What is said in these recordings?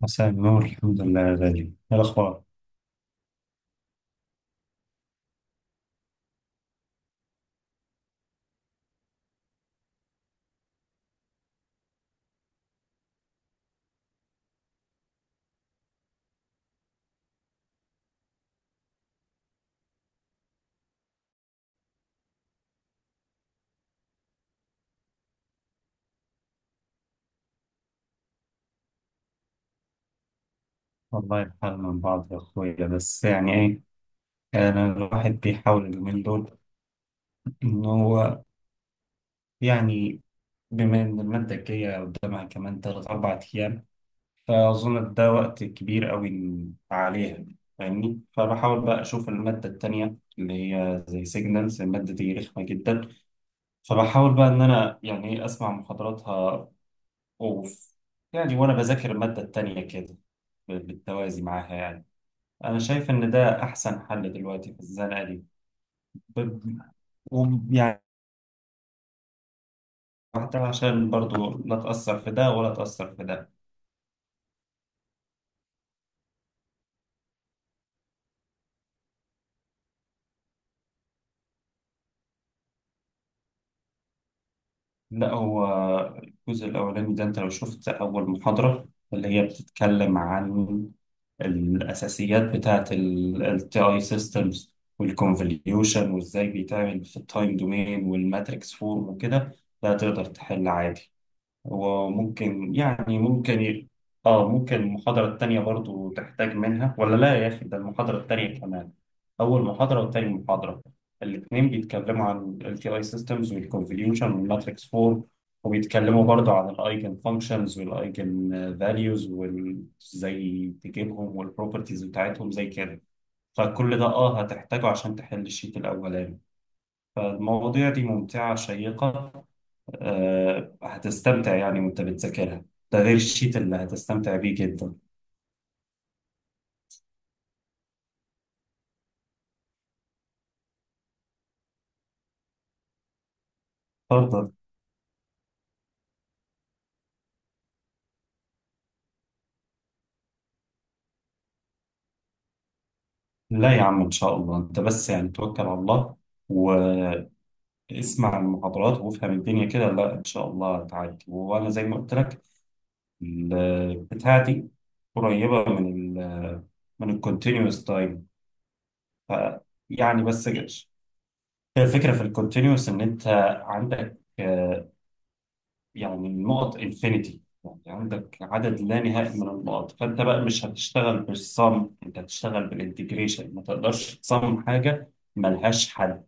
مساء النور، الحمد لله يا غالي. ايه الاخبار؟ والله الحال من بعض يا اخويا، بس يعني ايه، انا الواحد بيحاول اليومين دول ان هو، يعني، بما ان الماده الجايه قدامها كمان تلات اربع ايام، فاظن ده وقت كبير قوي عليها، فاهمني، فبحاول بقى اشوف الماده التانيه اللي هي زي سيجنالز. الماده دي رخمه جدا، فبحاول بقى ان انا يعني ايه اسمع محاضراتها اوف، يعني وانا بذاكر الماده التانيه كده بالتوازي معاها يعني. أنا شايف إن ده أحسن حل دلوقتي في الزنقة دي. ب- ويعني حتى عشان برضو لا تأثر في ده ولا تأثر في ده. لا، هو الجزء الأولاني ده، أنت لو شفت أول محاضرة اللي هي بتتكلم عن الأساسيات بتاعة ال TI systems والكونفوليوشن وإزاي بيتعمل في التايم دومين والماتريكس فورم وكده، ده تقدر تحل عادي. وممكن، يعني اه، ممكن المحاضرة التانية برضو تحتاج منها، ولا لا يا أخي، ده المحاضرة التانية كمان. أول محاضرة وتاني محاضرة الاتنين بيتكلموا عن ال LTI systems والconvolution والmatrix 4، وبيتكلموا برضو عن ال eigen functions وال eigen values وازاي تجيبهم والproperties بتاعتهم زي كده. فكل ده اه هتحتاجه عشان تحل الشيت الأولاني. فالمواضيع دي ممتعة شيقة، آه، هتستمتع يعني وانت بتذاكرها، ده غير الشيت اللي هتستمتع بيه جدا. تفضل. لا يا عم، ان شاء الله، انت بس يعني توكل على الله واسمع المحاضرات وافهم الدنيا كده. لا ان شاء الله هتعدي، وانا زي ما قلت لك بتاعتي قريبه من ال من الكونتينوس تايم. ف يعني بس الفكره في الكونتينوس ان انت عندك، يعني النقط انفينيتي، يعني عندك عدد لا نهائي من النقط، فانت بقى مش هتشتغل بالصم، انت هتشتغل بالانتجريشن. ما تقدرش تصمم حاجه ملهاش حل،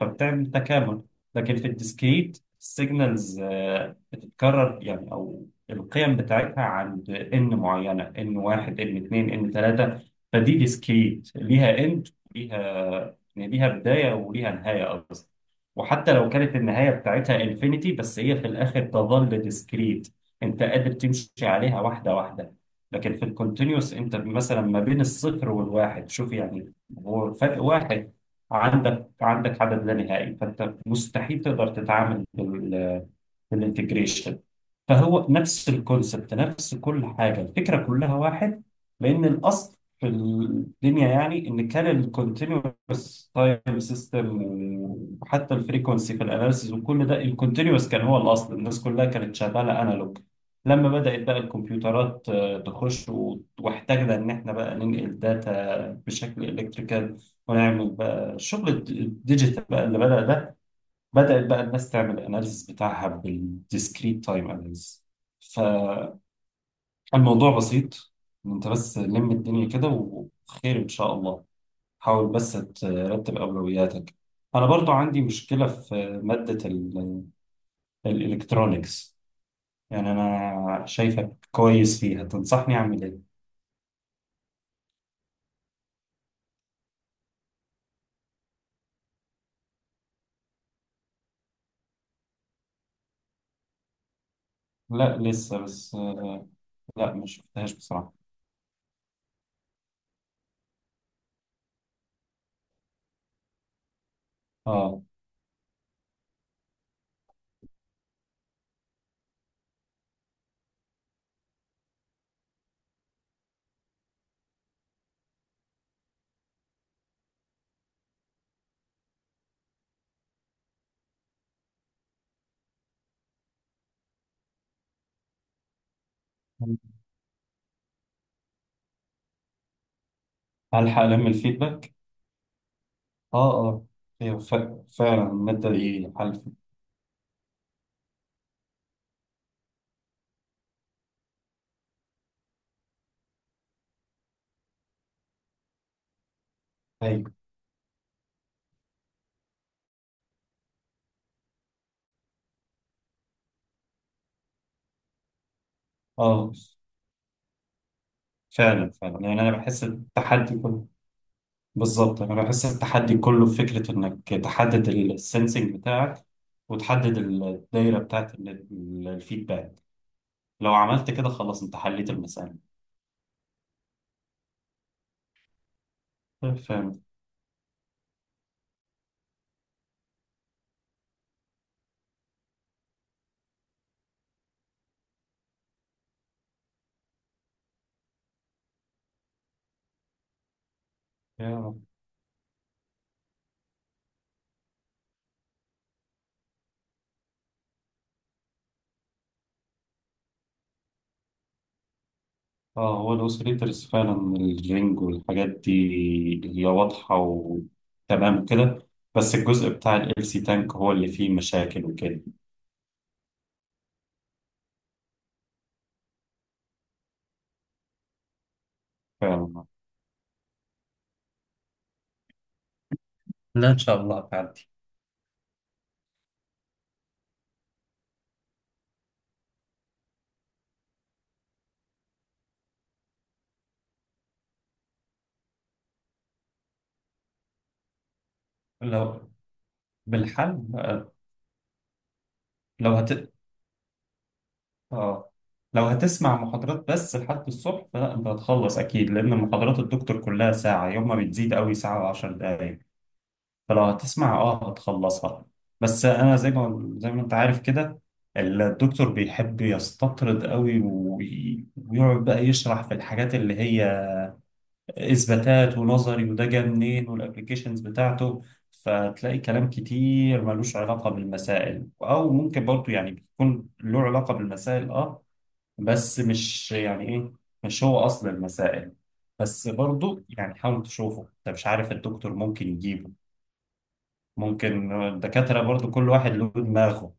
فبتعمل تكامل. لكن في الديسكريت السيجنالز بتتكرر يعني، او القيم بتاعتها عند ان معينه، ان واحد، ان اتنين، ان تلاته، فدي ديسكريت، ليها اند، وليها يعني ليها بدايه وليها نهايه اصلا. وحتى لو كانت النهايه بتاعتها انفينيتي، بس هي في الاخر تظل ديسكريت، انت قادر تمشي عليها واحده واحده. لكن في الكونتينيوس، انت مثلا ما بين الصفر والواحد، شوف يعني، هو فرق واحد، عندك عندك عدد لا نهائي، فانت مستحيل تقدر تتعامل في الانتجريشن. فهو نفس الكونسبت، نفس كل حاجه، الفكره كلها واحد، لان الاصل في الدنيا يعني ان كان الكونتينوس تايم سيستم، وحتى الفريكونسي في الاناليسيز وكل ده الكونتينوس كان هو الاصل، الناس كلها كانت شغاله انالوج. لما بدات بقى الكمبيوترات آه، تخش واحتاجنا ان احنا بقى ننقل داتا بشكل الكتريكال ونعمل بقى الشغل الديجيتال، بقى اللي بدأ ده، بدأت بقى الناس تعمل الاناليسيس بتاعها بالديسكريت تايم اناليسيس. فالموضوع بسيط، إن انت بس لم الدنيا كده وخير ان شاء الله. حاول بس ترتب اولوياتك. انا برضو عندي مشكلة في مادة الالكترونيكس، يعني انا شايفك كويس فيها، تنصحني اعمل ايه؟ لا لسه، بس لا ما شفتهاش بصراحة. اه، هلحق ألم الفيدباك؟ آه آه، أيوة فعلا المادة دي حل. أيوة، آه، فعلا فعلا يعني انا بحس التحدي كله. بالظبط، انا بحس التحدي كله في فكره انك تحدد السنسنج بتاعك وتحدد الدايره بتاعت الفيدباك. لو عملت كده خلاص انت حليت المساله. فاهم. يا رب. اه، هو الاوسيليترز فعلا، الرينج والحاجات دي هي واضحه وتمام كده. بس الجزء بتاع ال سي تانك هو اللي فيه مشاكل وكده. فعلا. لا ان شاء الله هتعدي. لو بالحل. لو هت... اه، لو هتسمع محاضرات بس لحد الصبح فلا، انت هتخلص اكيد، لان محاضرات الدكتور كلها ساعة، يوم ما بتزيد قوي، ساعة وعشر دقايق، فلو هتسمع اه هتخلصها. بس انا زي ما انت عارف كده، الدكتور بيحب يستطرد قوي ويقعد بقى يشرح في الحاجات اللي هي اثباتات ونظري وده جه منين والابلكيشنز بتاعته. فتلاقي كلام كتير ملوش علاقة بالمسائل، او ممكن برضو يعني بيكون له علاقة بالمسائل اه، بس مش يعني ايه، مش هو اصل المسائل. بس برضو يعني حاول تشوفه، انت مش عارف الدكتور ممكن يجيبه. ممكن الدكاترة برضو كل واحد له دماغه،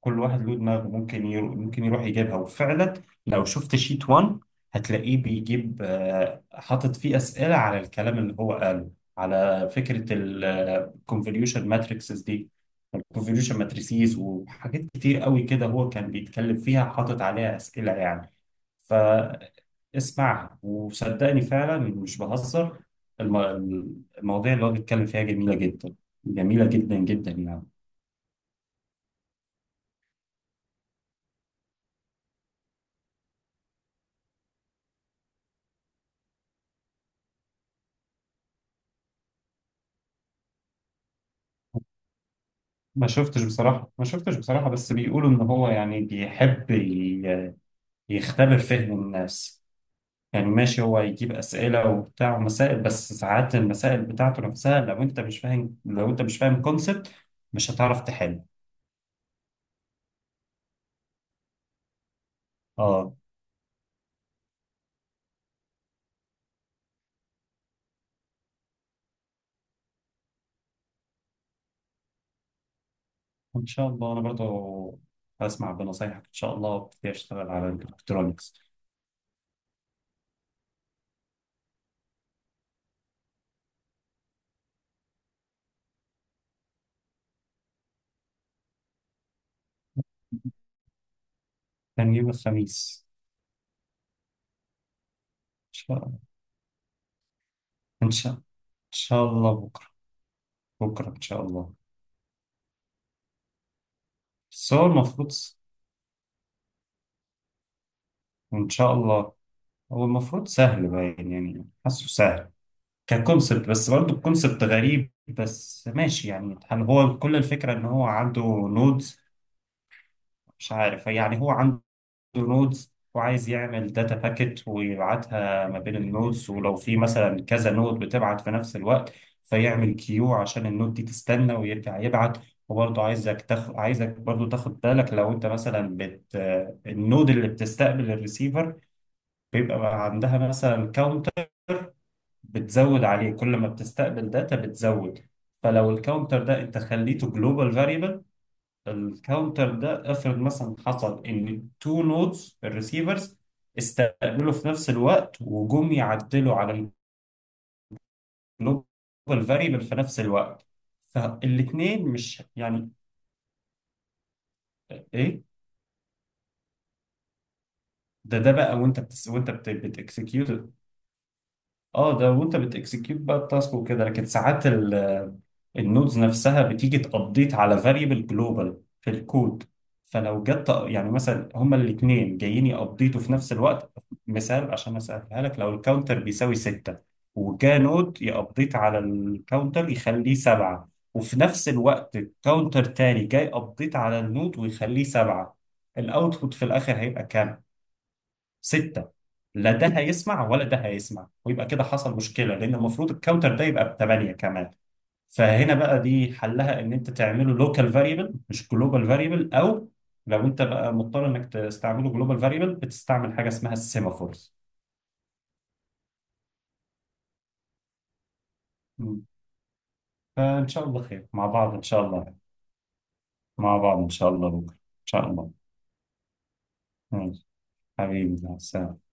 كل واحد له دماغه، ممكن يروح يجيبها. وفعلا لو شفت شيت 1 هتلاقيه بيجيب، آه، حاطط فيه أسئلة على الكلام اللي هو قاله. على فكرة الكونفوليوشن ماتريكسز دي، الكونفوليوشن ماتريسيز وحاجات كتير قوي كده هو كان بيتكلم فيها، حاطط عليها أسئلة يعني. فاسمعها وصدقني فعلا مش بهزر. الم... المواضيع اللي هو بيتكلم فيها جميلة جدا، جميلة جدا جدا يعني. ما شفتش بصراحة، ما شفتش بصراحة، بس بيقولوا إن هو يعني بيحب يختبر فهم الناس. يعني ماشي هو يجيب أسئلة وبتاع ومسائل، بس ساعات المسائل بتاعته نفسها، لو أنت مش فاهم كونسبت مش هتعرف تحل. آه. إن شاء الله أنا برضه هسمع بنصايحك إن شاء الله وابتدي أشتغل على الإلكترونيكس. كان يوم الخميس. إن شاء الله. إن شاء الله بكرة. بكرة إن شاء الله. بس هو المفروض. إن شاء الله. هو المفروض سهل باين يعني، حاسه سهل ككونسبت، بس برضه الكونسبت غريب، بس ماشي يعني. هل هو كل الفكرة ان هو عنده نودز؟ مش عارف. يعني هو عنده نودز وعايز يعمل داتا باكيت ويبعتها ما بين النودز، ولو في مثلا كذا نود بتبعت في نفس الوقت، فيعمل كيو عشان النود دي تستنى ويرجع يبعت. وبرضه عايزك برضه تاخد بالك. لو انت مثلا النود اللي بتستقبل الريسيفر بيبقى عندها مثلا كاونتر، بتزود عليه كل ما بتستقبل داتا بتزود. فلو الكاونتر ده انت خليته جلوبال فاريبل، الكاونتر ده افرض مثلا حصل ان تو نودز، الريسيفرز، استقبلوا في نفس الوقت وجم يعدلوا على الجلوبال فاريبل في نفس الوقت، فالاثنين مش يعني، ايه، ده بقى وانت بتس وانت اه، ده وانت بتكسكيوت بقى التاسك وكده. لكن ساعات النودز نفسها بتيجي تابديت على فاريبل جلوبال في الكود. فلو جت يعني مثلا هما الاثنين جايين يابديتوا في نفس الوقت، مثال عشان اسالها لك، لو الكاونتر بيساوي 6 وجا نود يابديت على الكاونتر يخليه 7، وفي نفس الوقت كاونتر تاني جاي ابديت على النود ويخليه 7، الاوتبوت في الاخر هيبقى كام؟ 6. لا ده هيسمع ولا ده هيسمع، ويبقى كده حصل مشكلة، لأن المفروض الكاونتر ده يبقى ب8 كمان. فهنا بقى دي حلها إن أنت تعمله لوكال فاريبل مش جلوبال فاريبل. أو لو أنت بقى مضطر إنك تستعمله جلوبال فاريبل، بتستعمل حاجة اسمها السيمافورز. مم. فإن شاء الله خير، مع بعض إن شاء الله. مع بعض إن شاء الله بكرة إن شاء الله. ماشي. حبيبي مع السلامة.